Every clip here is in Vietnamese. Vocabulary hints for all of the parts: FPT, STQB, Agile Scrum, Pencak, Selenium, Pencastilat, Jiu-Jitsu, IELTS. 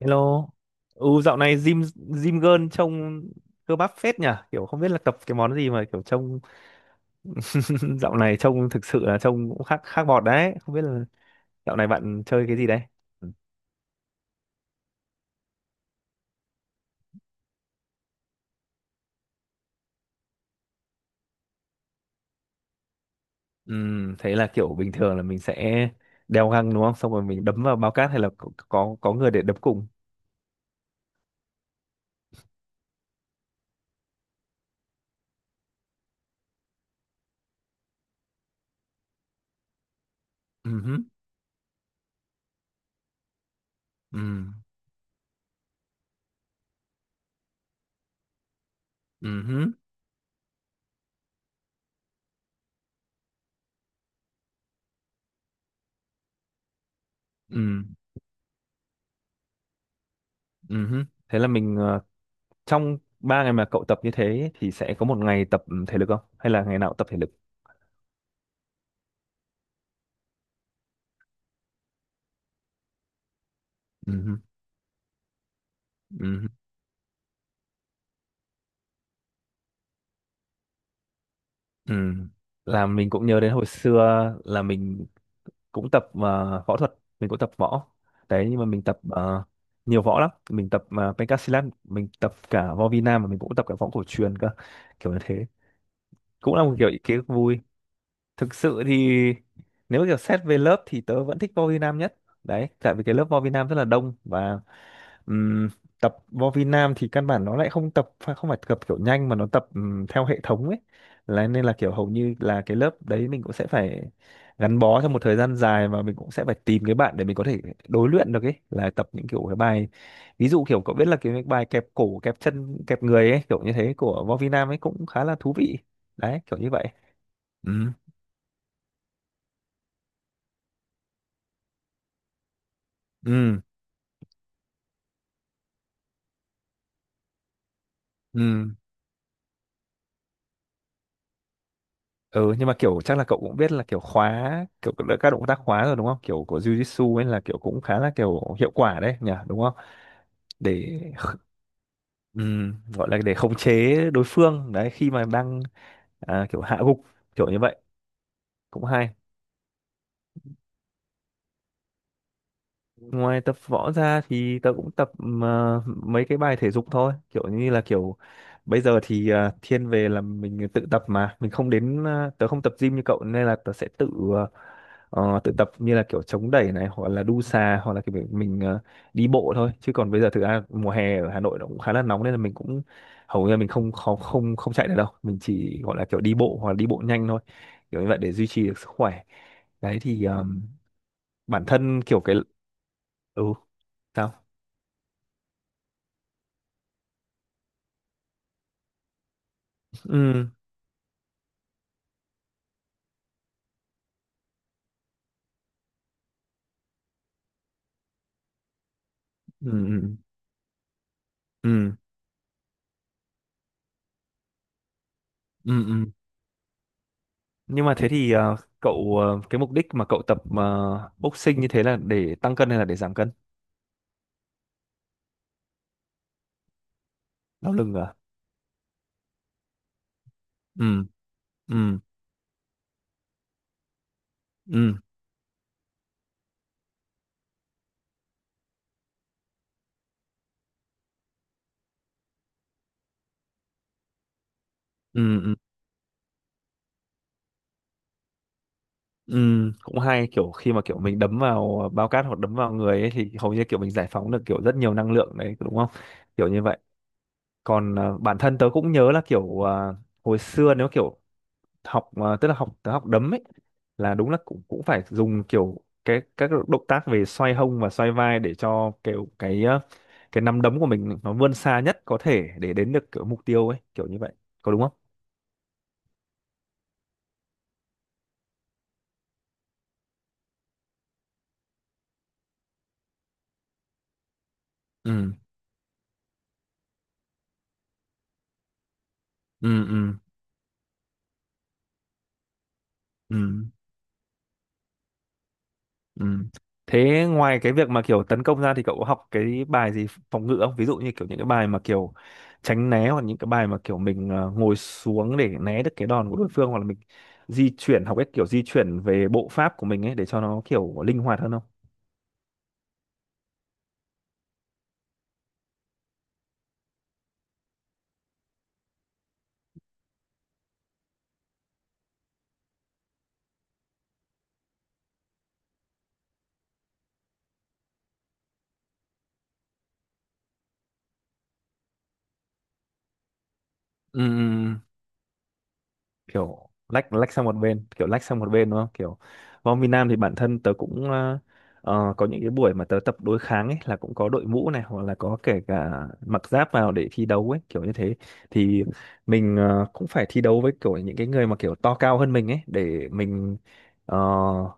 Hello. Ừ, dạo này gym gym girl trông cơ bắp phết nhỉ, kiểu không biết là tập cái món gì mà kiểu trông dạo này trông thực sự là trông cũng khác khác bọt đấy, không biết là dạo này bạn chơi cái gì đấy. Thế là kiểu bình thường là mình sẽ đeo găng đúng không? Xong rồi mình đấm vào bao cát hay là có người để đấm cùng. Ừm, ừm, ừm, ừm, ừm. Thế là mình trong 3 ngày mà cậu tập như thế thì sẽ có một ngày tập thể lực không? Hay là ngày nào cũng tập thể lực? Ừm, ừm. Ừ. Là mình cũng nhớ đến hồi xưa là mình cũng tập võ thuật, mình cũng tập võ. Đấy nhưng mà mình tập nhiều võ lắm, mình tập Pencak. Mình tập cả võ Việt Nam và mình cũng tập cả võ cổ truyền cơ. Kiểu như thế. Cũng là một kiểu ký ức vui. Thực sự thì nếu kiểu xét về lớp thì tớ vẫn thích võ Việt Nam nhất. Đấy, tại vì cái lớp võ Việt Nam rất là đông và Ừm, tập vô vi Nam thì căn bản nó lại không phải tập kiểu nhanh, mà nó tập theo hệ thống ấy, là nên là kiểu hầu như là cái lớp đấy mình cũng sẽ phải gắn bó trong một thời gian dài, và mình cũng sẽ phải tìm cái bạn để mình có thể đối luyện được ấy, là tập những kiểu cái bài, ví dụ kiểu cậu biết là cái bài kẹp cổ kẹp chân kẹp người ấy, kiểu như thế của Võ Vi Nam ấy cũng khá là thú vị đấy, kiểu như vậy. Ừ, ừ, ừ, ừ. Nhưng mà kiểu chắc là cậu cũng biết là kiểu khóa, kiểu các động tác khóa rồi đúng không, kiểu của Jiu-Jitsu ấy là kiểu cũng khá là kiểu hiệu quả đấy nhỉ, đúng không, để gọi là để khống chế đối phương đấy, khi mà đang à, kiểu hạ gục, kiểu như vậy. Cũng hay. Ngoài tập võ ra thì tớ cũng tập mấy cái bài thể dục thôi, kiểu như là kiểu bây giờ thì thiên về là mình tự tập mà mình không đến tớ không tập gym như cậu, nên là tớ sẽ tự tự tập như là kiểu chống đẩy này hoặc là đu xà hoặc là kiểu mình đi bộ thôi. Chứ còn bây giờ thực ra mùa hè ở Hà Nội nó cũng khá là nóng nên là mình cũng hầu như là mình không không không không chạy được đâu, mình chỉ gọi là kiểu đi bộ hoặc là đi bộ nhanh thôi, kiểu như vậy để duy trì được sức khỏe. Đấy thì bản thân kiểu cái. Ừ. Sao? Ừ, ừ, ừ, ừ, ừ, ừ. Nhưng mà thế thì cậu cái mục đích mà cậu tập boxing như thế là để tăng cân hay là để giảm cân? Đau lưng à? Ừ, ừ, ừ, ừ, ừ, ừ. Cũng hay, kiểu khi mà kiểu mình đấm vào bao cát hoặc đấm vào người ấy thì hầu như kiểu mình giải phóng được kiểu rất nhiều năng lượng đấy đúng không, kiểu như vậy. Còn bản thân tớ cũng nhớ là kiểu hồi xưa nếu kiểu học tức là học học đấm ấy, là đúng là cũng cũng phải dùng kiểu cái các động tác về xoay hông và xoay vai để cho kiểu cái cái nắm đấm của mình nó vươn xa nhất có thể để đến được kiểu mục tiêu ấy, kiểu như vậy, có đúng không? Ừ, ừ, ừ, ừ. Ừ. Thế ngoài cái việc mà kiểu tấn công ra thì cậu có học cái bài gì phòng ngự không? Ví dụ như kiểu những cái bài mà kiểu tránh né, hoặc những cái bài mà kiểu mình ngồi xuống để né được cái đòn của đối phương, hoặc là mình di chuyển, học cách kiểu di chuyển về bộ pháp của mình ấy để cho nó kiểu linh hoạt hơn không? Ừ, kiểu lách lách sang một bên, kiểu lách sang một bên đúng không, kiểu bóng Việt Nam thì bản thân tớ cũng có những cái buổi mà tớ tập đối kháng ấy, là cũng có đội mũ này hoặc là có kể cả mặc giáp vào để thi đấu ấy, kiểu như thế. Thì mình cũng phải thi đấu với kiểu những cái người mà kiểu to cao hơn mình ấy, để mình ờ,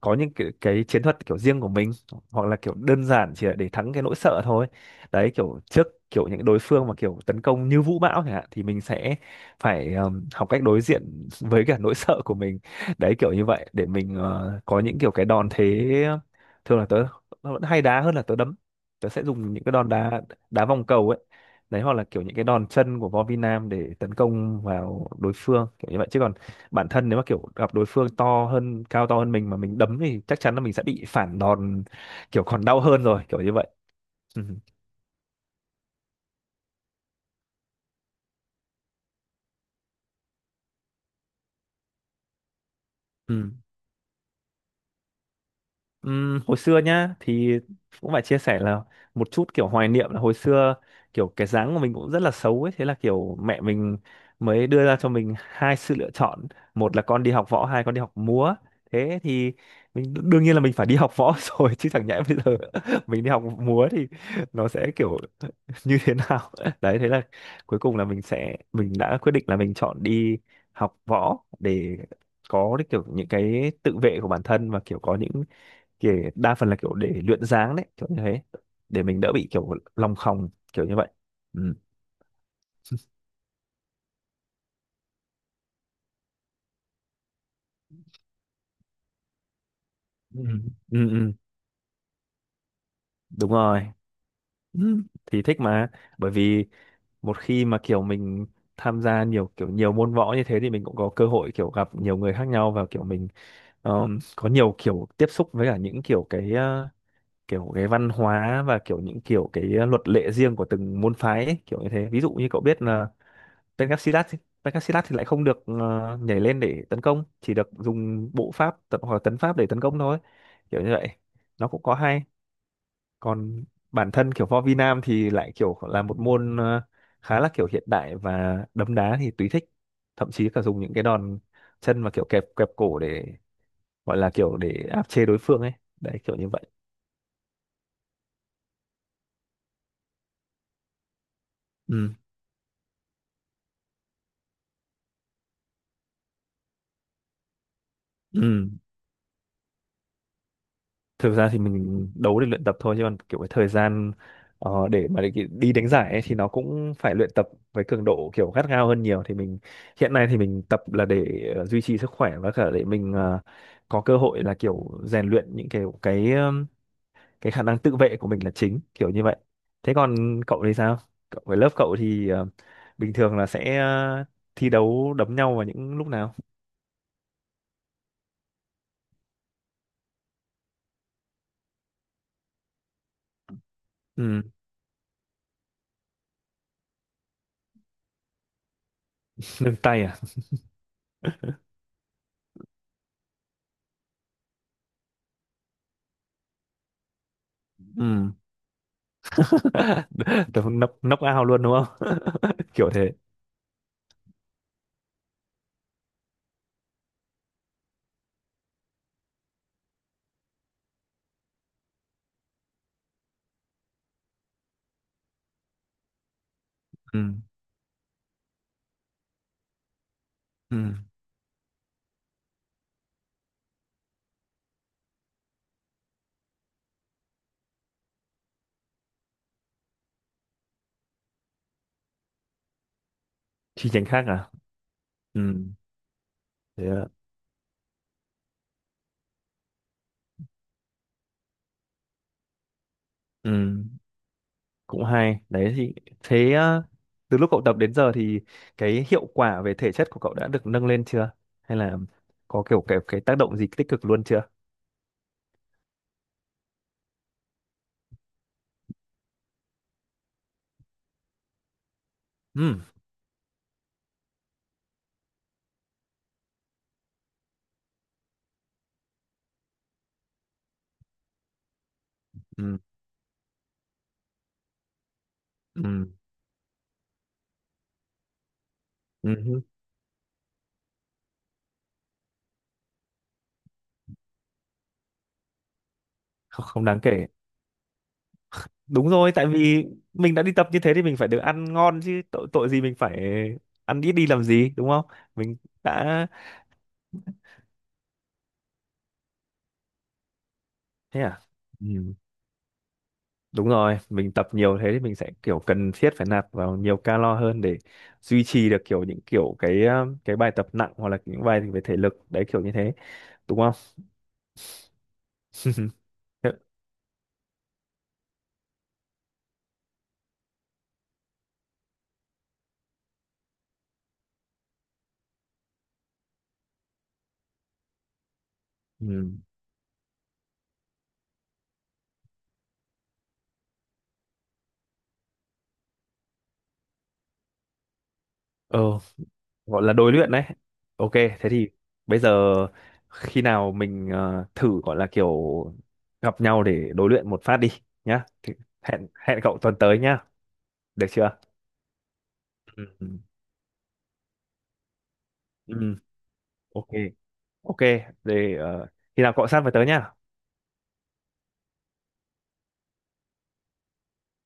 có những cái chiến thuật kiểu riêng của mình, hoặc là kiểu đơn giản chỉ là để thắng cái nỗi sợ thôi. Đấy, kiểu trước kiểu những đối phương mà kiểu tấn công như vũ bão chẳng hạn thì mình sẽ phải học cách đối diện với cả nỗi sợ của mình, đấy kiểu như vậy để mình có những kiểu cái đòn thế. Thường là tớ vẫn hay đá hơn là tớ đấm, tớ sẽ dùng những cái đòn đá, đá vòng cầu ấy, đấy, hoặc là kiểu những cái đòn chân của Võ Vi Nam để tấn công vào đối phương, kiểu như vậy. Chứ còn bản thân nếu mà kiểu gặp đối phương to hơn, cao to hơn mình mà mình đấm thì chắc chắn là mình sẽ bị phản đòn, kiểu còn đau hơn, rồi kiểu như vậy. Ừ. Ừ. Hồi xưa nhá thì cũng phải chia sẻ là một chút kiểu hoài niệm, là hồi xưa kiểu cái dáng của mình cũng rất là xấu ấy, thế là kiểu mẹ mình mới đưa ra cho mình hai sự lựa chọn, một là con đi học võ, hai con đi học múa. Thế thì mình đương nhiên là mình phải đi học võ rồi, chứ chẳng nhẽ bây giờ mình đi học múa thì nó sẽ kiểu như thế nào đấy, thế là cuối cùng là mình sẽ, mình đã quyết định là mình chọn đi học võ để có cái kiểu những cái tự vệ của bản thân, và kiểu có những kiểu đa phần là kiểu để luyện dáng đấy, kiểu như thế, để mình đỡ bị kiểu lòng khòng, kiểu như vậy. Ừ. Ừ. Ừ, ừ, đúng rồi. Ừ, thì thích mà, bởi vì một khi mà kiểu mình tham gia nhiều kiểu nhiều môn võ như thế thì mình cũng có cơ hội kiểu gặp nhiều người khác nhau, và kiểu mình có nhiều kiểu tiếp xúc với cả những kiểu cái kiểu cái văn hóa và kiểu những kiểu cái luật lệ riêng của từng môn phái ấy, kiểu như thế. Ví dụ như cậu biết là Pencastilat thì- Pencastilat thì lại không được nhảy lên để tấn công, chỉ được dùng bộ pháp tấn, hoặc là tấn pháp để tấn công thôi, kiểu như vậy, nó cũng có hay. Còn bản thân kiểu võ vi nam thì lại kiểu là một môn khá là kiểu hiện đại, và đấm đá thì tùy thích, thậm chí cả dùng những cái đòn chân và kiểu kẹp kẹp cổ để gọi là kiểu để áp chế đối phương ấy, đấy kiểu như vậy. Ừ, ừ. Thực ra thì mình đấu để luyện tập thôi, chứ còn kiểu cái thời gian để mà đi đánh giải ấy, thì nó cũng phải luyện tập với cường độ kiểu gắt gao hơn nhiều, thì mình hiện nay thì mình tập là để duy trì sức khỏe, và cả để mình có cơ hội là kiểu rèn luyện những kiểu cái khả năng tự vệ của mình là chính, kiểu như vậy. Thế còn cậu thì sao, cậu với lớp cậu thì bình thường là sẽ thi đấu đấm nhau vào những lúc nào? Ừ. Nâng tay à? Ừ. Tớ nấp nấp ao luôn đúng không kiểu thế. Ừ. Ừ. Chi nhánh khác à? Ừ. Thế ạ. Ừ. Cũng hay đấy, thì thế từ lúc cậu tập đến giờ thì cái hiệu quả về thể chất của cậu đã được nâng lên chưa, hay là có kiểu cái tác động gì tích cực luôn chưa? Ừ. Ừ. Ừ. Ừ. Không, không đáng kể. Đúng rồi, tại vì mình đã đi tập như thế thì mình phải được ăn ngon chứ, tội tội gì mình phải ăn ít đi làm gì, đúng không? Mình đã. Thế à? Ừ. Đúng rồi, mình tập nhiều thế thì mình sẽ kiểu cần thiết phải nạp vào nhiều calo hơn để duy trì được kiểu những kiểu cái bài tập nặng hoặc là những bài về thể lực đấy, kiểu như thế, đúng không? Ừ. Ờ, gọi là đối luyện đấy. Ok, thế thì bây giờ khi nào mình thử gọi là kiểu gặp nhau để đối luyện một phát đi nhá. Thì hẹn hẹn cậu tuần tới nhá, được chưa? Ừ. Ừ. Ok, ok, để khi nào cậu sắp phải tới nhá.